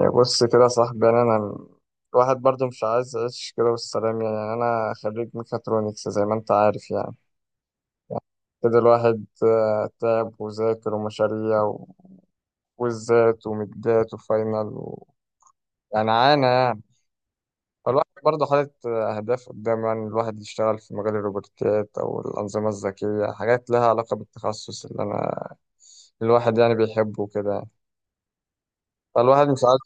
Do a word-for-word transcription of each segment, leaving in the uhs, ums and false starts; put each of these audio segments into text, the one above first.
يعني بص كده يا صاحبي، يعني انا الواحد برضو مش عايز يعيش كده بالسلام. يعني انا خريج ميكاترونكس زي ما انت عارف يعني يعني كده الواحد آه، تعب وذاكر ومشاريع و- وزات ومدات وفاينل و... يعني عانى يعني. فالواحد برضه حاطط آه، أهداف قدامه، يعني الواحد يشتغل في مجال الروبوتات أو الأنظمة الذكية، حاجات لها علاقة بالتخصص اللي أنا الواحد يعني بيحبه كده. فالواحد مش عارف.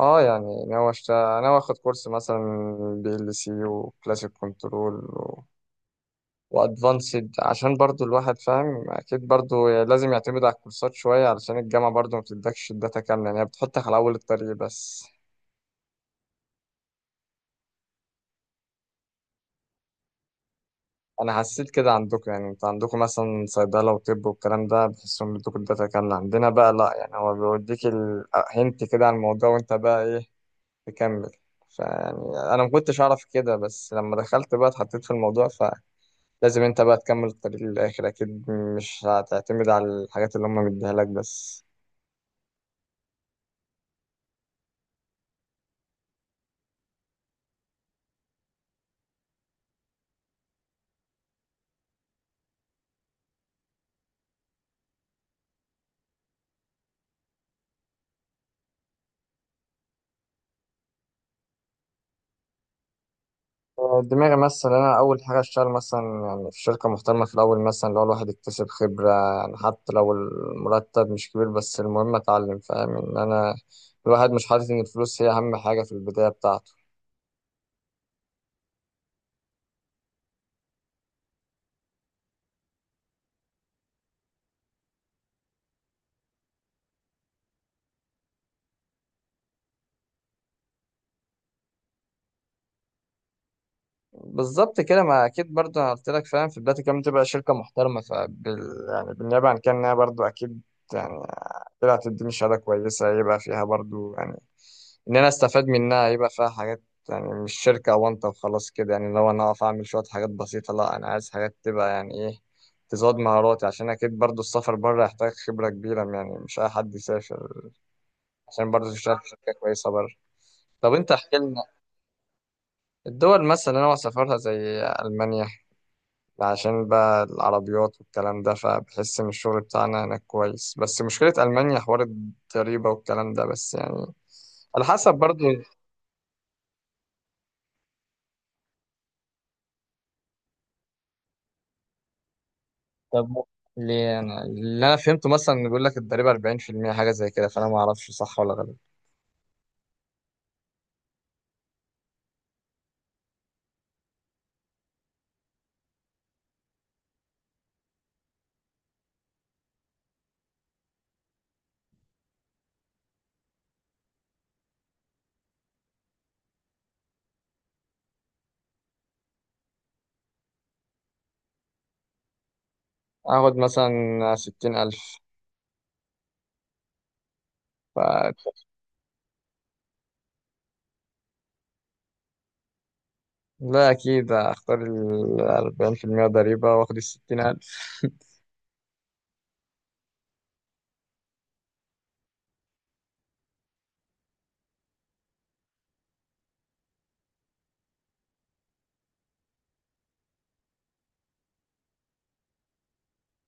اه يعني ناوي أشت... ناوي اخد كورس مثلا، بي ال سي وكلاسيك كنترول و... وادفانسد، عشان برضو الواحد فاهم اكيد برضو لازم يعتمد على الكورسات شوية، علشان الجامعة برضو ما بتدكش الداتا كاملة، يعني هي بتحطك على اول الطريق بس. انا حسيت كده عندكم، يعني انت عندكم مثلا صيدلة وطب والكلام ده بحسهم بيدوك الداتا كاملة، عندنا بقى لا، يعني هو بيوديك الهنت كده عن الموضوع وانت بقى ايه تكمل. فيعني انا ما كنتش اعرف كده، بس لما دخلت بقى اتحطيت في الموضوع لازم انت بقى تكمل الطريق للآخر، أكيد مش هتعتمد على الحاجات اللي هم مديها لك بس. آه، دماغي مثلا أنا أول حاجة أشتغل مثلا يعني في شركة محترمة في الأول، مثلا لو الواحد يكتسب خبرة، يعني حتى لو المرتب مش كبير بس المهم أتعلم. فاهم إن أنا الواحد مش حاطط إن الفلوس هي أهم حاجة في البداية بتاعته. بالظبط كده، ما اكيد برضه انا قلت لك فاهم في بدايه الكلام تبقى شركه محترمه فبال، يعني بالنيابه عن كده، إنها برضه اكيد يعني طلعت تديني شهاده كويسه يبقى فيها برضه، يعني ان انا استفاد منها يبقى فيها حاجات. يعني مش شركه وانت وخلاص كده. يعني لو انا اقف اعمل شويه حاجات بسيطه، لا انا عايز حاجات تبقى يعني ايه، تزود مهاراتي، عشان اكيد برضه السفر بره يحتاج خبره كبيره، يعني مش اي حد يسافر عشان برضه تشتغل في شركه كويسه بره. طب انت احكي لنا. الدول مثلا اللي انا سافرتها زي المانيا، عشان بقى العربيات والكلام ده فبحس إن الشغل بتاعنا هناك كويس، بس مشكلة ألمانيا حوار الضريبة والكلام ده، بس يعني على حسب برضو. طب م- ليه أنا اللي أنا فهمته مثلا إن بيقول لك الضريبة أربعين في المية حاجة زي كده، فأنا ما أعرفش صح ولا غلط. آخد مثلا ستين ألف. ف لا أكيد أختار ال أربعين في المية ضريبة وآخد ال ستين ألف.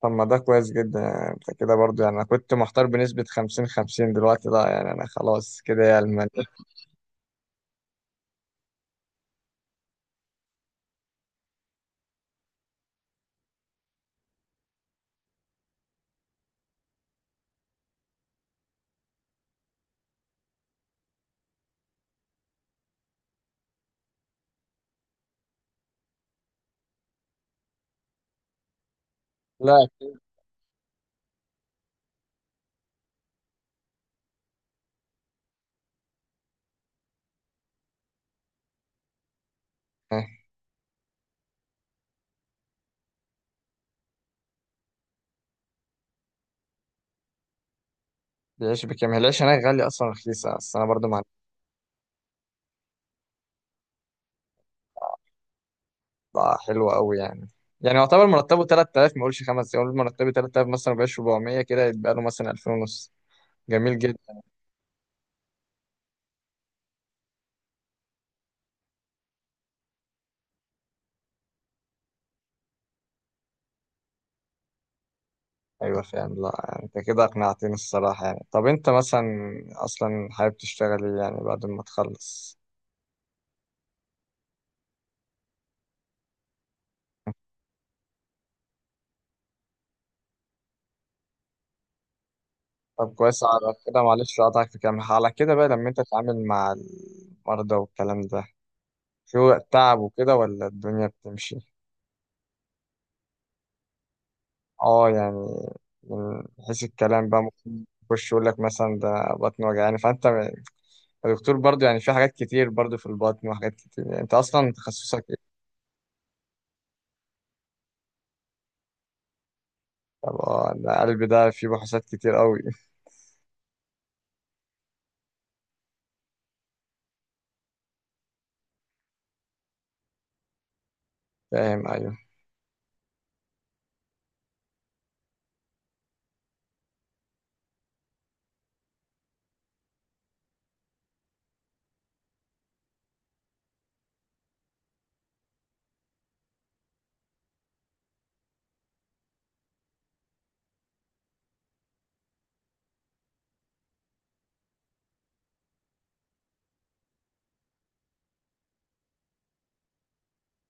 طب ما ده كويس جدا، يعني أنت كده برضو. يعني أنا كنت محتار بنسبة خمسين خمسين، دلوقتي لا، يعني أنا خلاص كده يا ألمانيا. لا أكيد. آه، العيش بكام؟ العيش هناك غالي أصلا رخيص، بس أنا برضو مع. آه، حلوة أوي يعني. يعني يعتبر مرتبه ثلاثة آلاف، ما أقولش خمسة، يقول مرتبه ثلاثة آلاف مثلا، بقاش أربعمية، كده يبقى له مثلا ألفين ونص. جميل جدا. أيوة فاهم. لا أنت كده أقنعتني الصراحة. يعني طب أنت مثلا أصلا حابب تشتغل إيه يعني بعد ما تخلص؟ طب كويس. على كده معلش أقطعك في كلام، على كده بقى لما أنت تتعامل مع المرضى والكلام ده، في وقت تعب وكده ولا الدنيا بتمشي؟ اه يعني من حيث الكلام بقى ممكن يخش يقول لك مثلا ده بطن وجعاني، فانت م- الدكتور برضو يعني في حاجات كتير برضو في البطن وحاجات كتير، يعني انت اصلا تخصصك ايه؟ طب اه، ده قلب، ده فيه بحوثات كتير قوي. فاهم ايوه.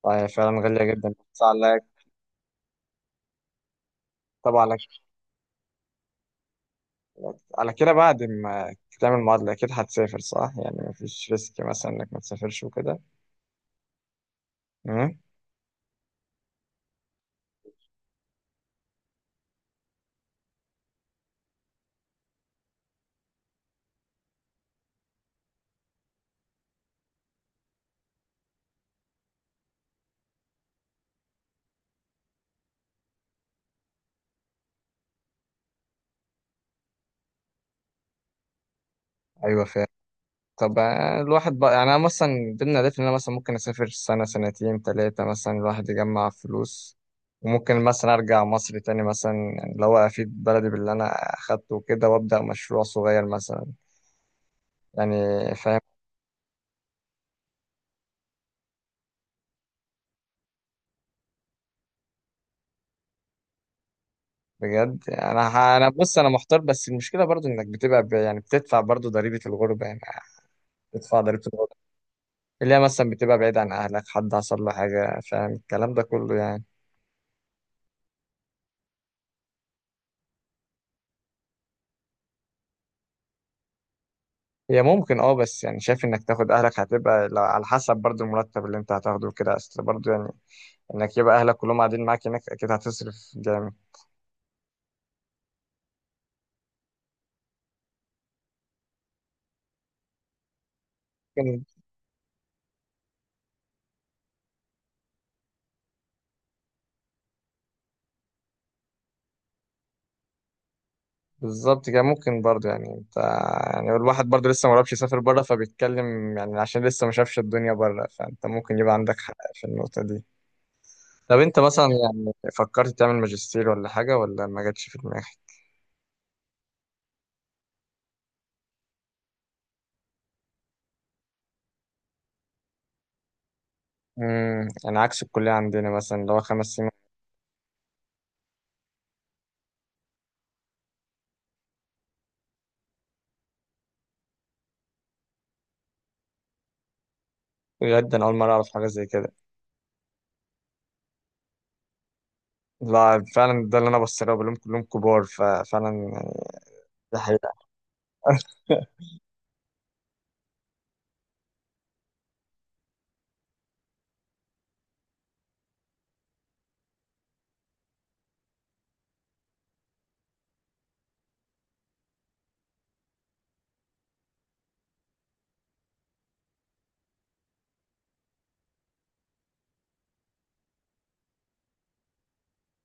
طيب فعلا غالية جدا. بس على. طب على على كده بعد ما تعمل معادلة اكيد هتسافر صح؟ يعني مفيش ريسك مثلا انك ما تسافرش وكده. امم. ايوه فاهم. طب آه، الواحد بقى يعني انا مثلا ضمن اهدافي ان انا مثلا ممكن اسافر سنه سنتين ثلاثه مثلا، الواحد يجمع فلوس وممكن مثلا ارجع مصر تاني مثلا، يعني اللي هو افيد بلدي باللي انا اخدته وكده وابدا مشروع صغير مثلا يعني. فاهم. بجد انا ه- انا بص انا محتار، بس المشكله برضو انك بتبقى ب... يعني بتدفع برضو ضريبه الغربه. يعني بتدفع ضريبه الغربه، اللي هي مثلا بتبقى بعيد عن اهلك، حد حصل له حاجه، فاهم الكلام ده كله يعني. هي ممكن اه، بس يعني شايف انك تاخد اهلك هتبقى لا- على حسب برضو المرتب اللي انت هتاخده كده اصل برضو، يعني انك يبقى اهلك كلهم قاعدين معاك هناك اكيد هتصرف جامد. ممكن. بالظبط كده، ممكن برضو يعني انت يعني الواحد برضو لسه مجربش يسافر بره فبيتكلم، يعني عشان لسه ما شافش الدنيا بره، فانت ممكن يبقى عندك حق في النقطة دي. طب انت مثلا يعني فكرت تعمل ماجستير ولا حاجة ولا ما جاتش في دماغك؟ امم، يعني عكس الكلية عندنا مثلا اللي هو خمس سنين. بجد انا اول مرة اعرف حاجة زي كده. لا فعلا، ده اللي انا بص له بقول لهم كلهم كبار، ففعلا يعني. ده حقيقة.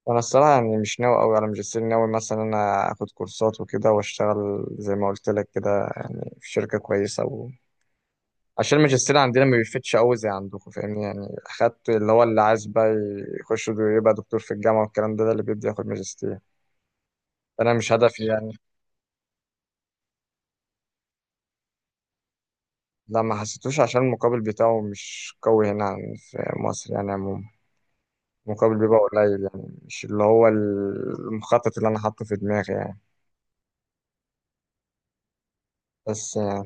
انا الصراحة يعني مش ناوي قوي على ماجستير، ناوي مثلا انا اخد كورسات وكده واشتغل زي ما قلت لك كده، يعني في شركة كويسة و... عشان الماجستير عندنا ما بيفتش قوي زي عندكم، فاهمني، يعني اخدت اللي هو اللي عايز بقى يخش يبقى دكتور في الجامعة والكلام ده، ده اللي بيبدأ ياخد ماجستير. انا مش هدفي يعني. لا ما حسيتوش عشان المقابل بتاعه مش قوي هنا عن- في مصر يعني عموما. مقابل بيبقى قليل، يعني مش اللي هو المخطط اللي انا حاطه في دماغي يعني. بس آه،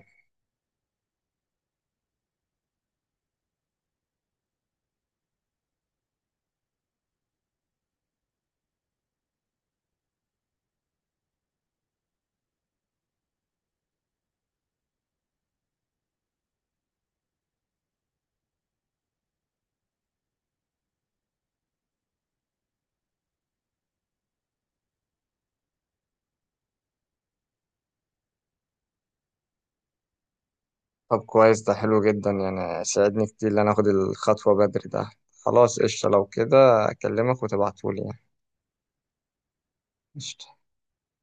طب كويس ده حلو جدا، يعني ساعدني كتير ان انا اخد الخطوة بدري ده. خلاص قشطة لو كده. اكلمك وتبعتولي يعني.